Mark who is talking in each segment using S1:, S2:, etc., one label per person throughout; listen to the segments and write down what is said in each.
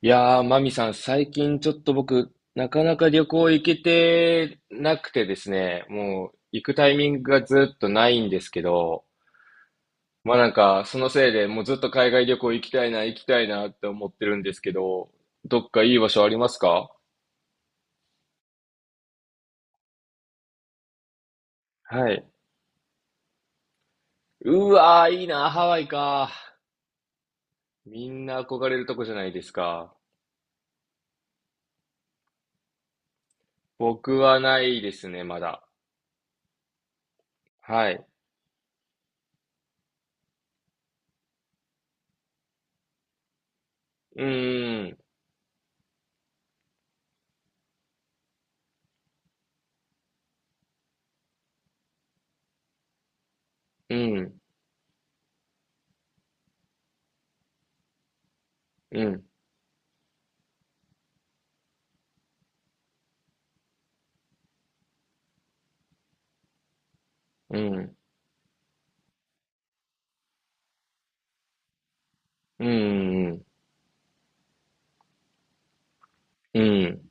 S1: いやー、マミさん、最近ちょっと僕、なかなか旅行行けてなくてですね、もう行くタイミングがずっとないんですけど、まあなんか、そのせいでもうずっと海外旅行行きたいな、行きたいなって思ってるんですけど、どっかいい場所ありますか？はい。うわー、いいな、ハワイか。みんな憧れるとこじゃないですか。僕はないですね、まだ。はい。うーん、うん、うん、うん、うん、うん、うん。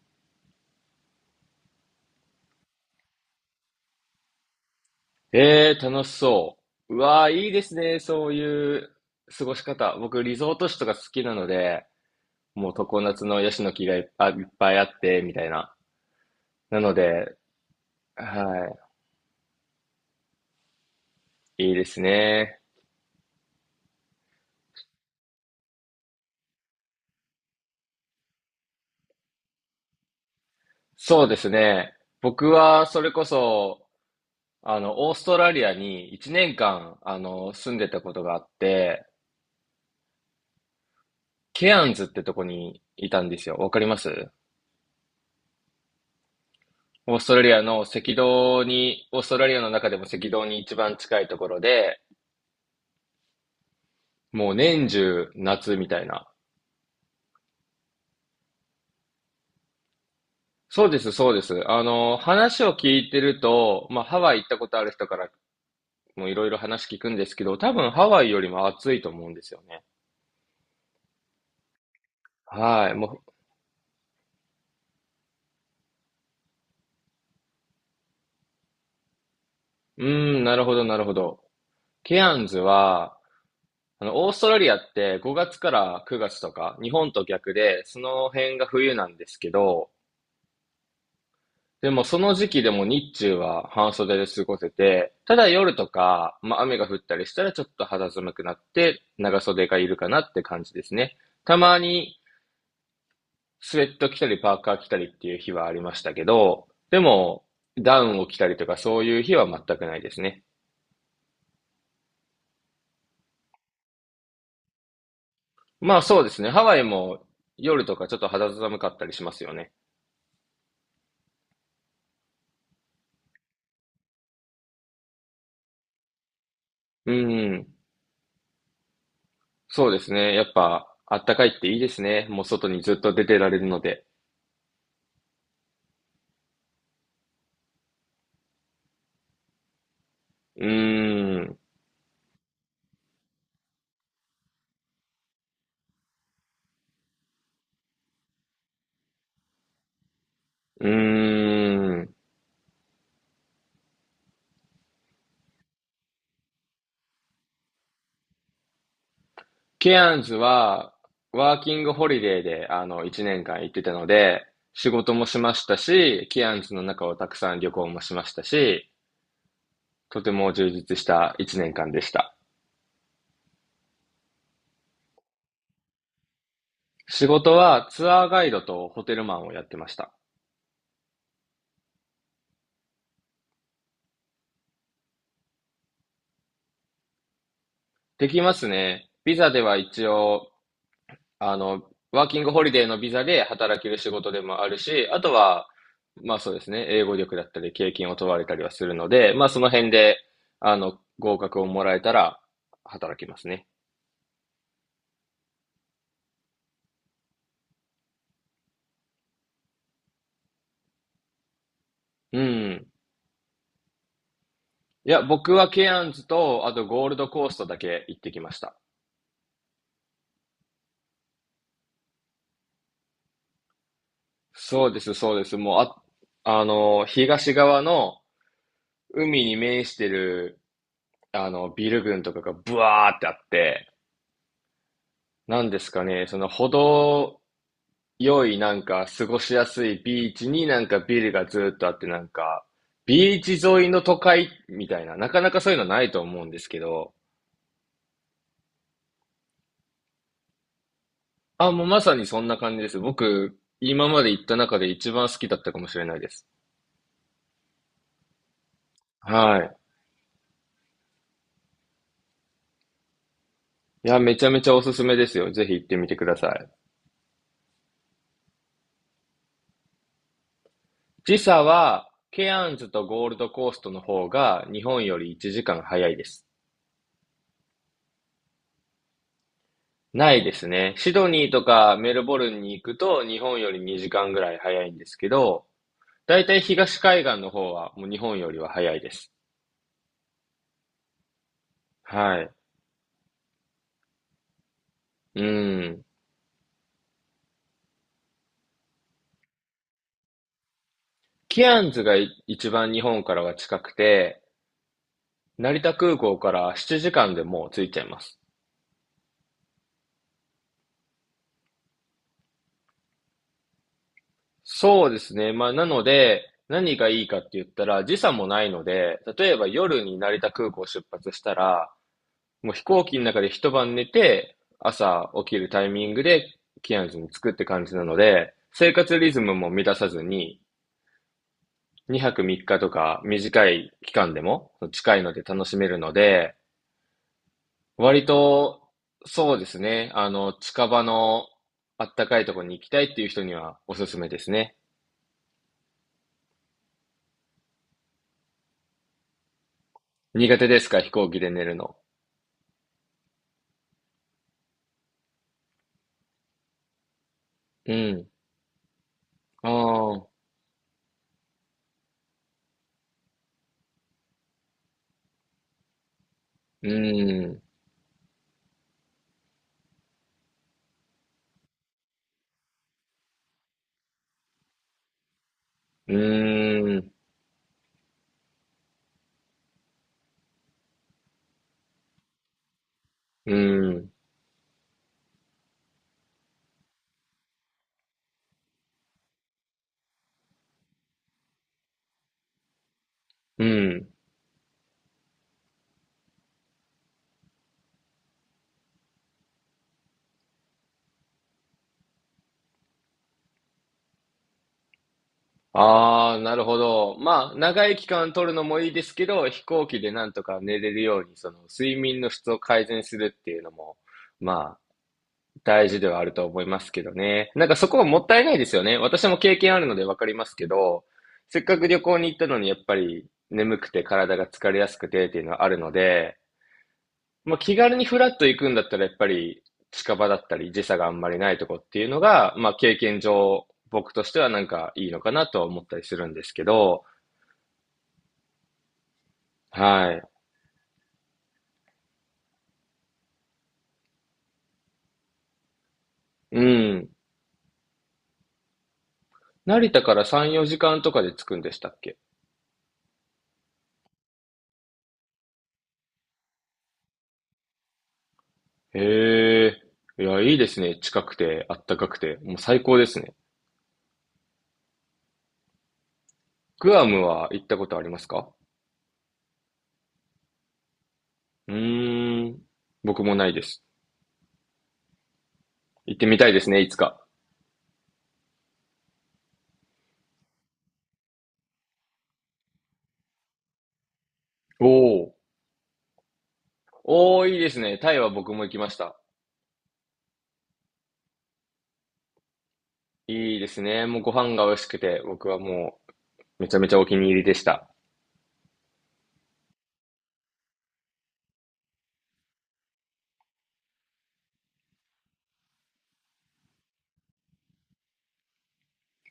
S1: ええ、楽しそう。うわー、いいですね。そういう過ごし方。僕、リゾート地とか好きなので、もう常夏のヤシの木がいっぱい、いっぱいあって、みたいな。なので、はい、いいですね。そうですね。僕は、それこそ、オーストラリアに1年間、住んでたことがあって、ケアンズってとこにいたんですよ。わかりますオーストラリアの赤道に、オーストラリアの中でも赤道に一番近いところで、もう年中夏みたいな。そうです、そうです。話を聞いてると、まあ、ハワイ行ったことある人からもいろいろ話聞くんですけど、多分ハワイよりも暑いと思うんですよね。はい。もう、うーん、なるほど、なるほど。ケアンズは、オーストラリアって5月から9月とか、日本と逆で、その辺が冬なんですけど、でもその時期でも日中は半袖で過ごせて、ただ夜とか、まあ雨が降ったりしたらちょっと肌寒くなって長袖がいるかなって感じですね。たまにスウェット着たりパーカー着たりっていう日はありましたけど、でもダウンを着たりとかそういう日は全くないですね。まあそうですね。ハワイも夜とかちょっと肌寒かったりしますよね。うん。そうですね。やっぱあったかいっていいですね。もう外にずっと出てられるので。うーん。うーん。ケアンズは、ワーキングホリデーで、1年間行ってたので、仕事もしましたし、ケアンズの中をたくさん旅行もしましたし、とても充実した1年間でした。仕事はツアーガイドとホテルマンをやってました。できますね。ビザでは一応あの、ワーキングホリデーのビザで働ける仕事でもあるし、あとは、まあそうですね、英語力だったり経験を問われたりはするので、まあその辺で、合格をもらえたら働きますね。うん。いや、僕はケアンズと、あとゴールドコーストだけ行ってきました。そうです、そうです。もう、東側の海に面してる、ビル群とかがブワーってあって、なんですかね、その程よいなんか過ごしやすいビーチになんかビルがずーっとあってなんか、ビーチ沿いの都会みたいな、なかなかそういうのないと思うんですけど、あ、もうまさにそんな感じです。僕、今まで行った中で一番好きだったかもしれないです。はい。いや、めちゃめちゃおすすめですよ。ぜひ行ってみてください。時差は、ケアンズとゴールドコーストの方が日本より1時間早いです。ないですね。シドニーとかメルボルンに行くと日本より2時間ぐらい早いんですけど、だいたい東海岸の方はもう日本よりは早いです。はい。うん。ケアンズがい一番日本からは近くて、成田空港から7時間でもう着いちゃいます。そうですね。まあ、なので、何がいいかって言ったら、時差もないので、例えば夜に成田空港を出発したら、もう飛行機の中で一晩寝て、朝起きるタイミングでキアンズに着くって感じなので、生活リズムも乱さずに、2泊3日とか短い期間でも近いので楽しめるので、割とそうですね、近場のあったかいところに行きたいっていう人にはおすすめですね。苦手ですか、飛行機で寝るの。うん。ああ、うん、うん、うん、うん。ああ、なるほど。まあ、長い期間取るのもいいですけど、飛行機でなんとか寝れるように、その睡眠の質を改善するっていうのも、まあ、大事ではあると思いますけどね。なんかそこはもったいないですよね。私も経験あるのでわかりますけど、せっかく旅行に行ったのにやっぱり眠くて体が疲れやすくてっていうのはあるので、まあ、気軽にフラッと行くんだったらやっぱり近場だったり時差があんまりないとこっていうのが、まあ、経験上僕としてはなんかいいのかなとは思ったりするんですけど、はい。うん。成田から3、4時間とかで着くんでしたっけ？へえ。いや、いいですね。近くて、あったかくて。もう最高ですね。グアムは行ったことありますか？うーん。僕もないです。行ってみたいですね、いつか。おー。おー、いいですね。タイは僕も行きました。いいですね。もうご飯が美味しくて、僕はもうめちゃめちゃお気に入りでした。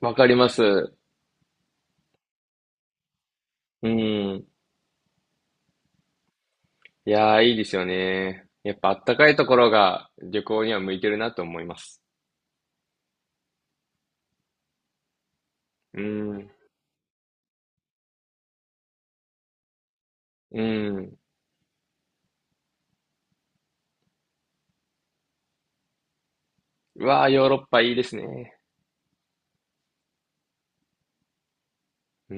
S1: わかります。うん。いやー、いいですよね。やっぱあったかいところが旅行には向いてるなと思います。うん、うん。うわあ、ヨーロッパいいですね。うー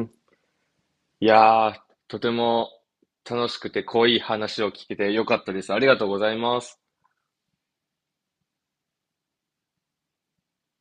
S1: ん。いやーとても楽しくて濃い話を聞けてよかったです。ありがとうございます。